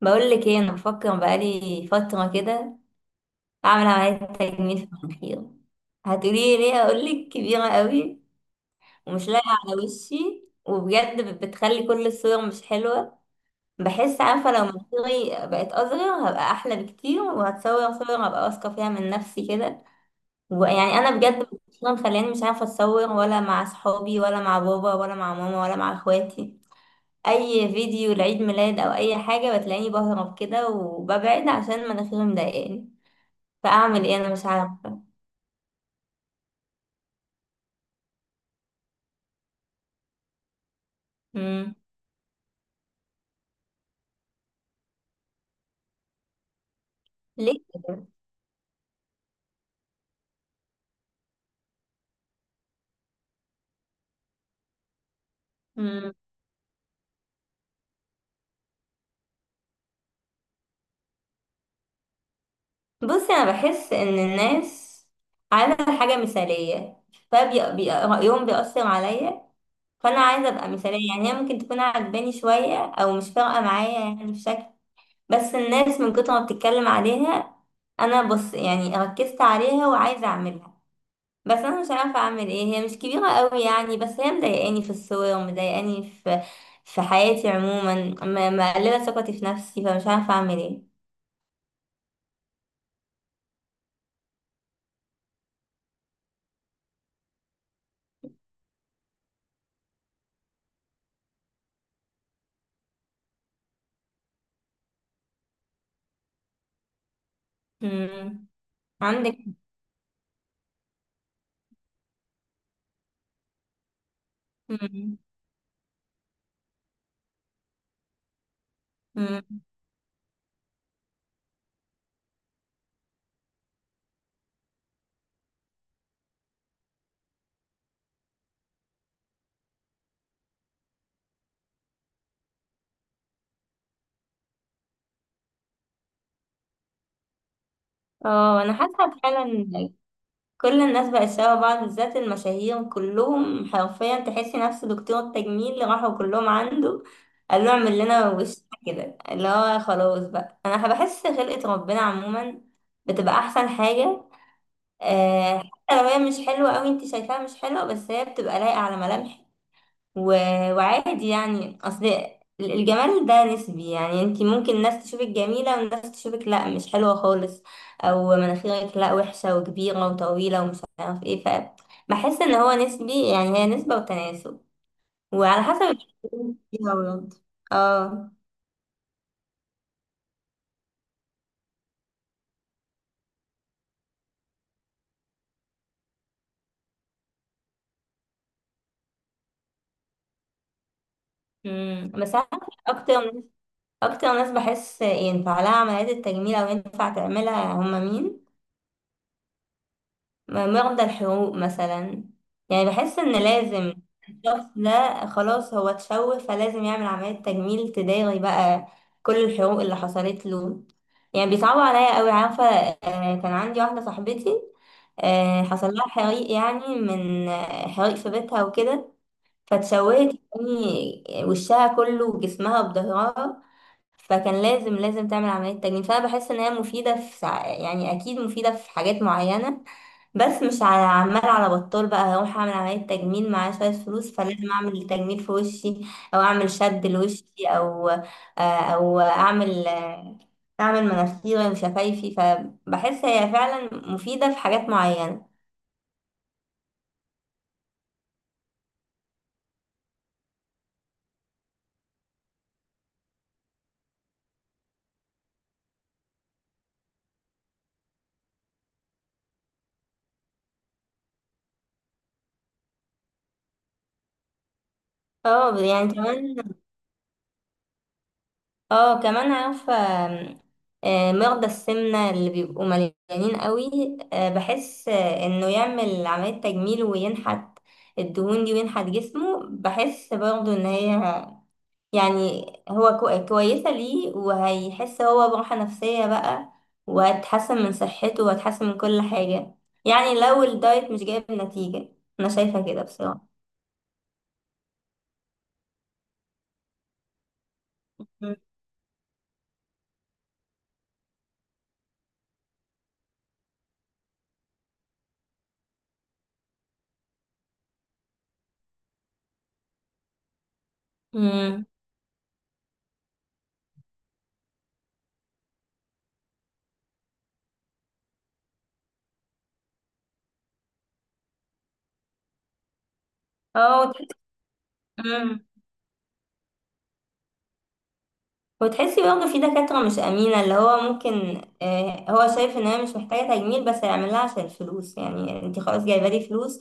بقول لك ايه، انا بفكر بقالي فتره كده اعمل عمليه تجميل في المناخير. هتقولي لي ليه؟ اقول لك كبيره قوي ومش لايقه على وشي، وبجد بتخلي كل الصور مش حلوه. بحس عارفه لو مناخيري بقت اصغر هبقى احلى بكتير، وهتصور صور هبقى واثقه فيها من نفسي كده. ويعني انا بجد مخلياني مش عارفه اتصور، ولا مع صحابي ولا مع بابا ولا مع ماما ولا مع اخواتي. اي فيديو لعيد ميلاد او اي حاجه بتلاقيني بهرب كده وببعد عشان مناخيري مضايقاني. فاعمل ايه؟ انا مش عارفه. امم ليه؟ امم بصي، انا بحس ان الناس عايزه حاجه مثاليه، فبيقراهم بيأثر عليا، فانا عايزه ابقى مثاليه. يعني هي ممكن تكون عجباني شويه او مش فارقه معايا يعني في شكل، بس الناس من كتر ما بتتكلم عليها انا بص يعني ركزت عليها وعايزه اعملها. بس انا مش عارفه اعمل ايه. هي مش كبيره قوي يعني، بس هي مضايقاني في الصور ومضايقاني في حياتي عموما. مقلله ثقتي في نفسي، فمش عارفه اعمل ايه. مم. عندك. مم. مم. اه انا حاسه فعلا، كل الناس بقت شبه بعض، بالذات المشاهير كلهم حرفيا تحسي نفس دكتور التجميل اللي راحوا كلهم عنده قال له اعمل لنا وش كده. اللي هو خلاص بقى انا بحس خلقه ربنا عموما بتبقى احسن حاجه. حتى لو هي مش حلوة أوي، انت شايفاها مش حلوة، بس هي بتبقى لايقة على ملامحك. و... وعادي يعني. أصل الجمال ده نسبي يعني، انت ممكن ناس تشوفك جميلة وناس تشوفك لا مش حلوة خالص، أو مناخيرك لا وحشة وكبيرة وطويلة ومش عارف ايه. فبحس ان هو نسبي يعني، هي نسبة وتناسب وعلى حسب الشخصية فيها برضه. اه. مم. بس أنا، أكتر ناس، أكتر ناس بحس ينفع لها عمليات التجميل أو ينفع تعملها هما مين؟ مرضى الحروق مثلا. يعني بحس ان لازم الشخص ده خلاص هو اتشوه فلازم يعمل عملية تجميل تداري بقى كل الحروق اللي حصلت له. يعني بيصعبوا عليا قوي، عارفة؟ كان عندي واحدة صاحبتي، حصل لها حريق يعني، من حريق في بيتها وكده، فتشوهت يعني وشها كله وجسمها وظهرها. فكان لازم تعمل عملية تجميل، فأنا بحس إن هي مفيدة في يعني أكيد مفيدة في حاجات معينة. بس مش على عمال على بطال بقى هروح أعمل عملية تجميل، معايا شوية فلوس فلازم أعمل تجميل في وشي، أو أعمل شد لوشي، أو أعمل مناخيري وشفايفي. فبحس هي فعلا مفيدة في حاجات معينة. اه يعني كمان، اه كمان عارفة. آم، آه، مرضى السمنة اللي بيبقوا مليانين قوي، بحس انه يعمل عملية تجميل وينحت الدهون دي وينحت جسمه. بحس برضه ان هي يعني هو كويسة ليه، وهيحس هو براحة نفسية بقى، وهتحسن من صحته وهتحسن من كل حاجة، يعني لو الدايت مش جايب نتيجة. انا شايفة كده بصراحة. مم. اه وتحس- مم. وتحسي برضه في دكاترة مش أمينة، اللي هو ممكن هو شايف إن هي مش محتاجة تجميل بس هيعمل لها عشان الفلوس. يعني انتي خلاص جايبة لي فلوس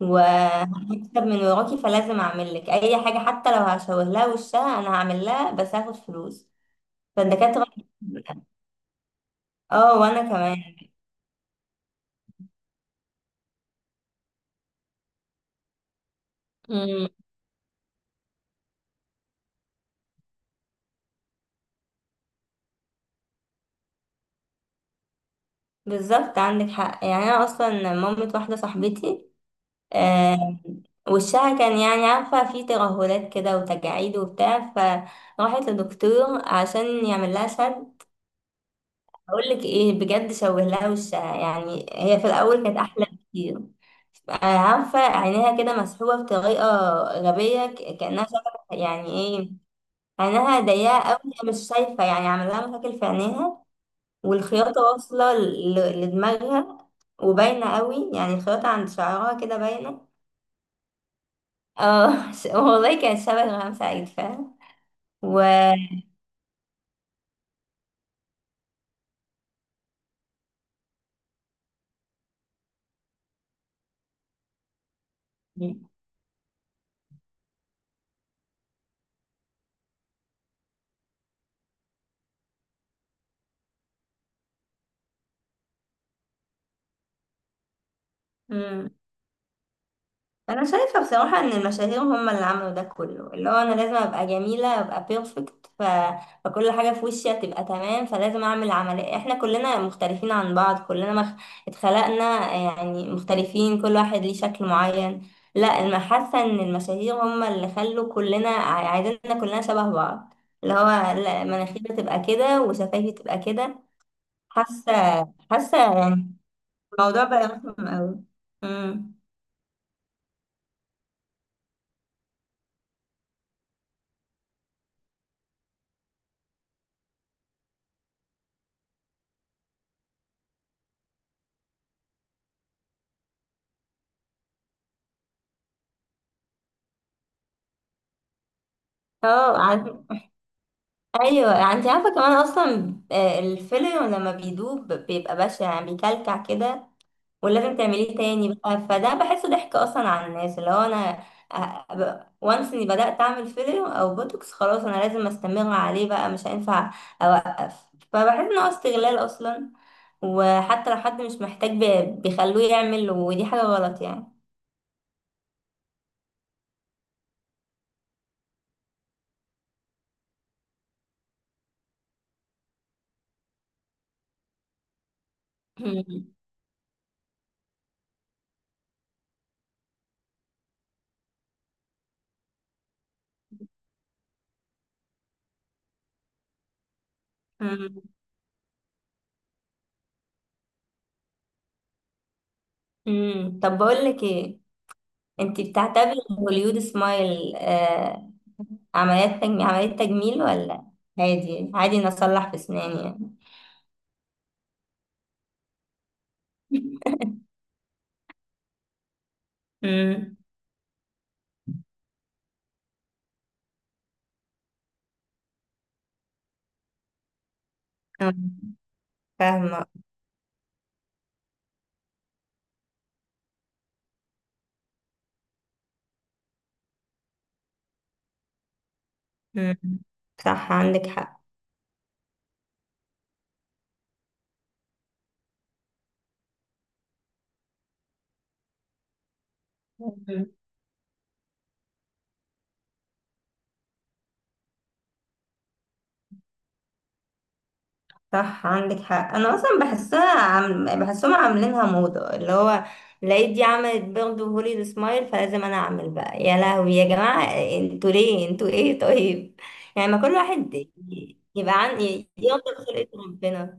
وهكسب من وراكي، فلازم أعمل لك أي حاجة، حتى لو هشوه لها وشها أنا هعمل لها بس هاخد فلوس. فالدكاترة، اه وأنا كمان. مم. بالظبط، عندك حق. يعني أنا أصلا مامة واحدة صاحبتي، آه، وشها كان يعني، عارفة، فيه ترهلات كده وتجاعيد وبتاع، فراحت لدكتور عشان يعمل لها شد. أقولك إيه، بجد شوه لها وشها. يعني هي في الأول كانت أحلى بكتير. عارفة عينيها كده مسحوبة بطريقة غبية، كأنها شبه يعني إيه، عينها ضيقة أوي، هي مش شايفة يعني، عمل لها مشاكل في عينيها. والخياطة واصلة لدماغها، وباينة أوي يعني، الخياطة عند شعرها كده باينة. اه والله كانت شبه إلهام سعيد فعلا. و. مم. انا شايفه بصراحه ان المشاهير هم اللي عملوا ده كله، اللي هو انا لازم ابقى جميله، ابقى بيرفكت. فكل حاجه في وشي هتبقى تمام فلازم اعمل عمليه. احنا كلنا مختلفين عن بعض، اتخلقنا يعني مختلفين، كل واحد ليه شكل معين. لا انا حاسه ان المشاهير هم اللي خلوا كلنا عايزيننا كلنا شبه بعض، اللي هو لا مناخيري تبقى كده وشفايفي تبقى كده. حاسه، حاسه يعني الموضوع بقى رخم قوي. امم. اه عارف. ايوه انت عارفه كمان اصلا، الفيلر لما بيدوب بيبقى بشع يعني، بيكلكع كده، ولازم تعمليه تاني بقى. فده بحسه ضحك اصلا على الناس، اللي هو انا وانس اني بدات اعمل فيلر او بوتوكس، خلاص انا لازم استمر عليه بقى، مش هينفع اوقف. فبحس ان هو استغلال اصلا، وحتى لو حد مش محتاج بيخلوه يعمل، ودي حاجه غلط يعني. امم. طب بقول لك ايه، انت بتعتبري هوليود سمايل آه عمليات تجميل، عملية تجميل، ولا عادي؟ عادي إن اصلح في اسناني يعني؟ امم. فاهمة. امم. صح عندك حق. مم. صح عندك حق. انا اصلا بحسها بحسهم عاملينها موضة، اللي هو لقيت دي عملت برضه هوليود سمايل فلازم انا اعمل بقى. يا لهوي، يا جماعة انتوا ليه؟ انتوا ايه؟ طيب يعني ما كل واحد يرضى بخلقة ربنا.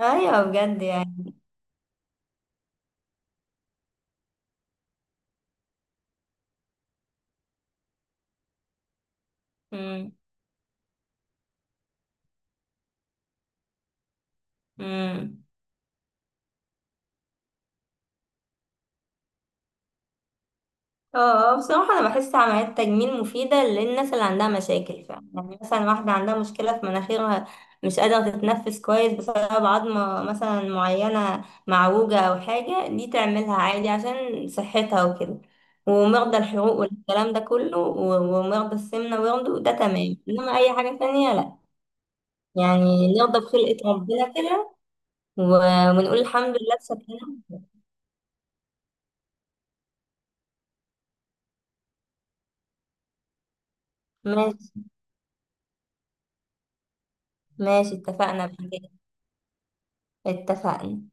ايوه بجد يعني. امم. امم. اه. بصراحه انا بحس عمليات تجميل مفيده للناس اللي عندها مشاكل فعلا، يعني مثلا واحده عندها مشكله في مناخيرها مش قادره تتنفس كويس بسبب عظمه مثلا معينه معوجه او حاجه، دي تعملها عادي عشان صحتها وكده. ومرضى الحروق والكلام ده كله ومرضى السمنه ويرضوا، ده تمام، انما اي حاجه تانية لا. يعني نرضى بخلقه ربنا كده، ونقول الحمد لله بشكلنا. ماشي. ماشي اتفقنا بحاجة. اتفقنا.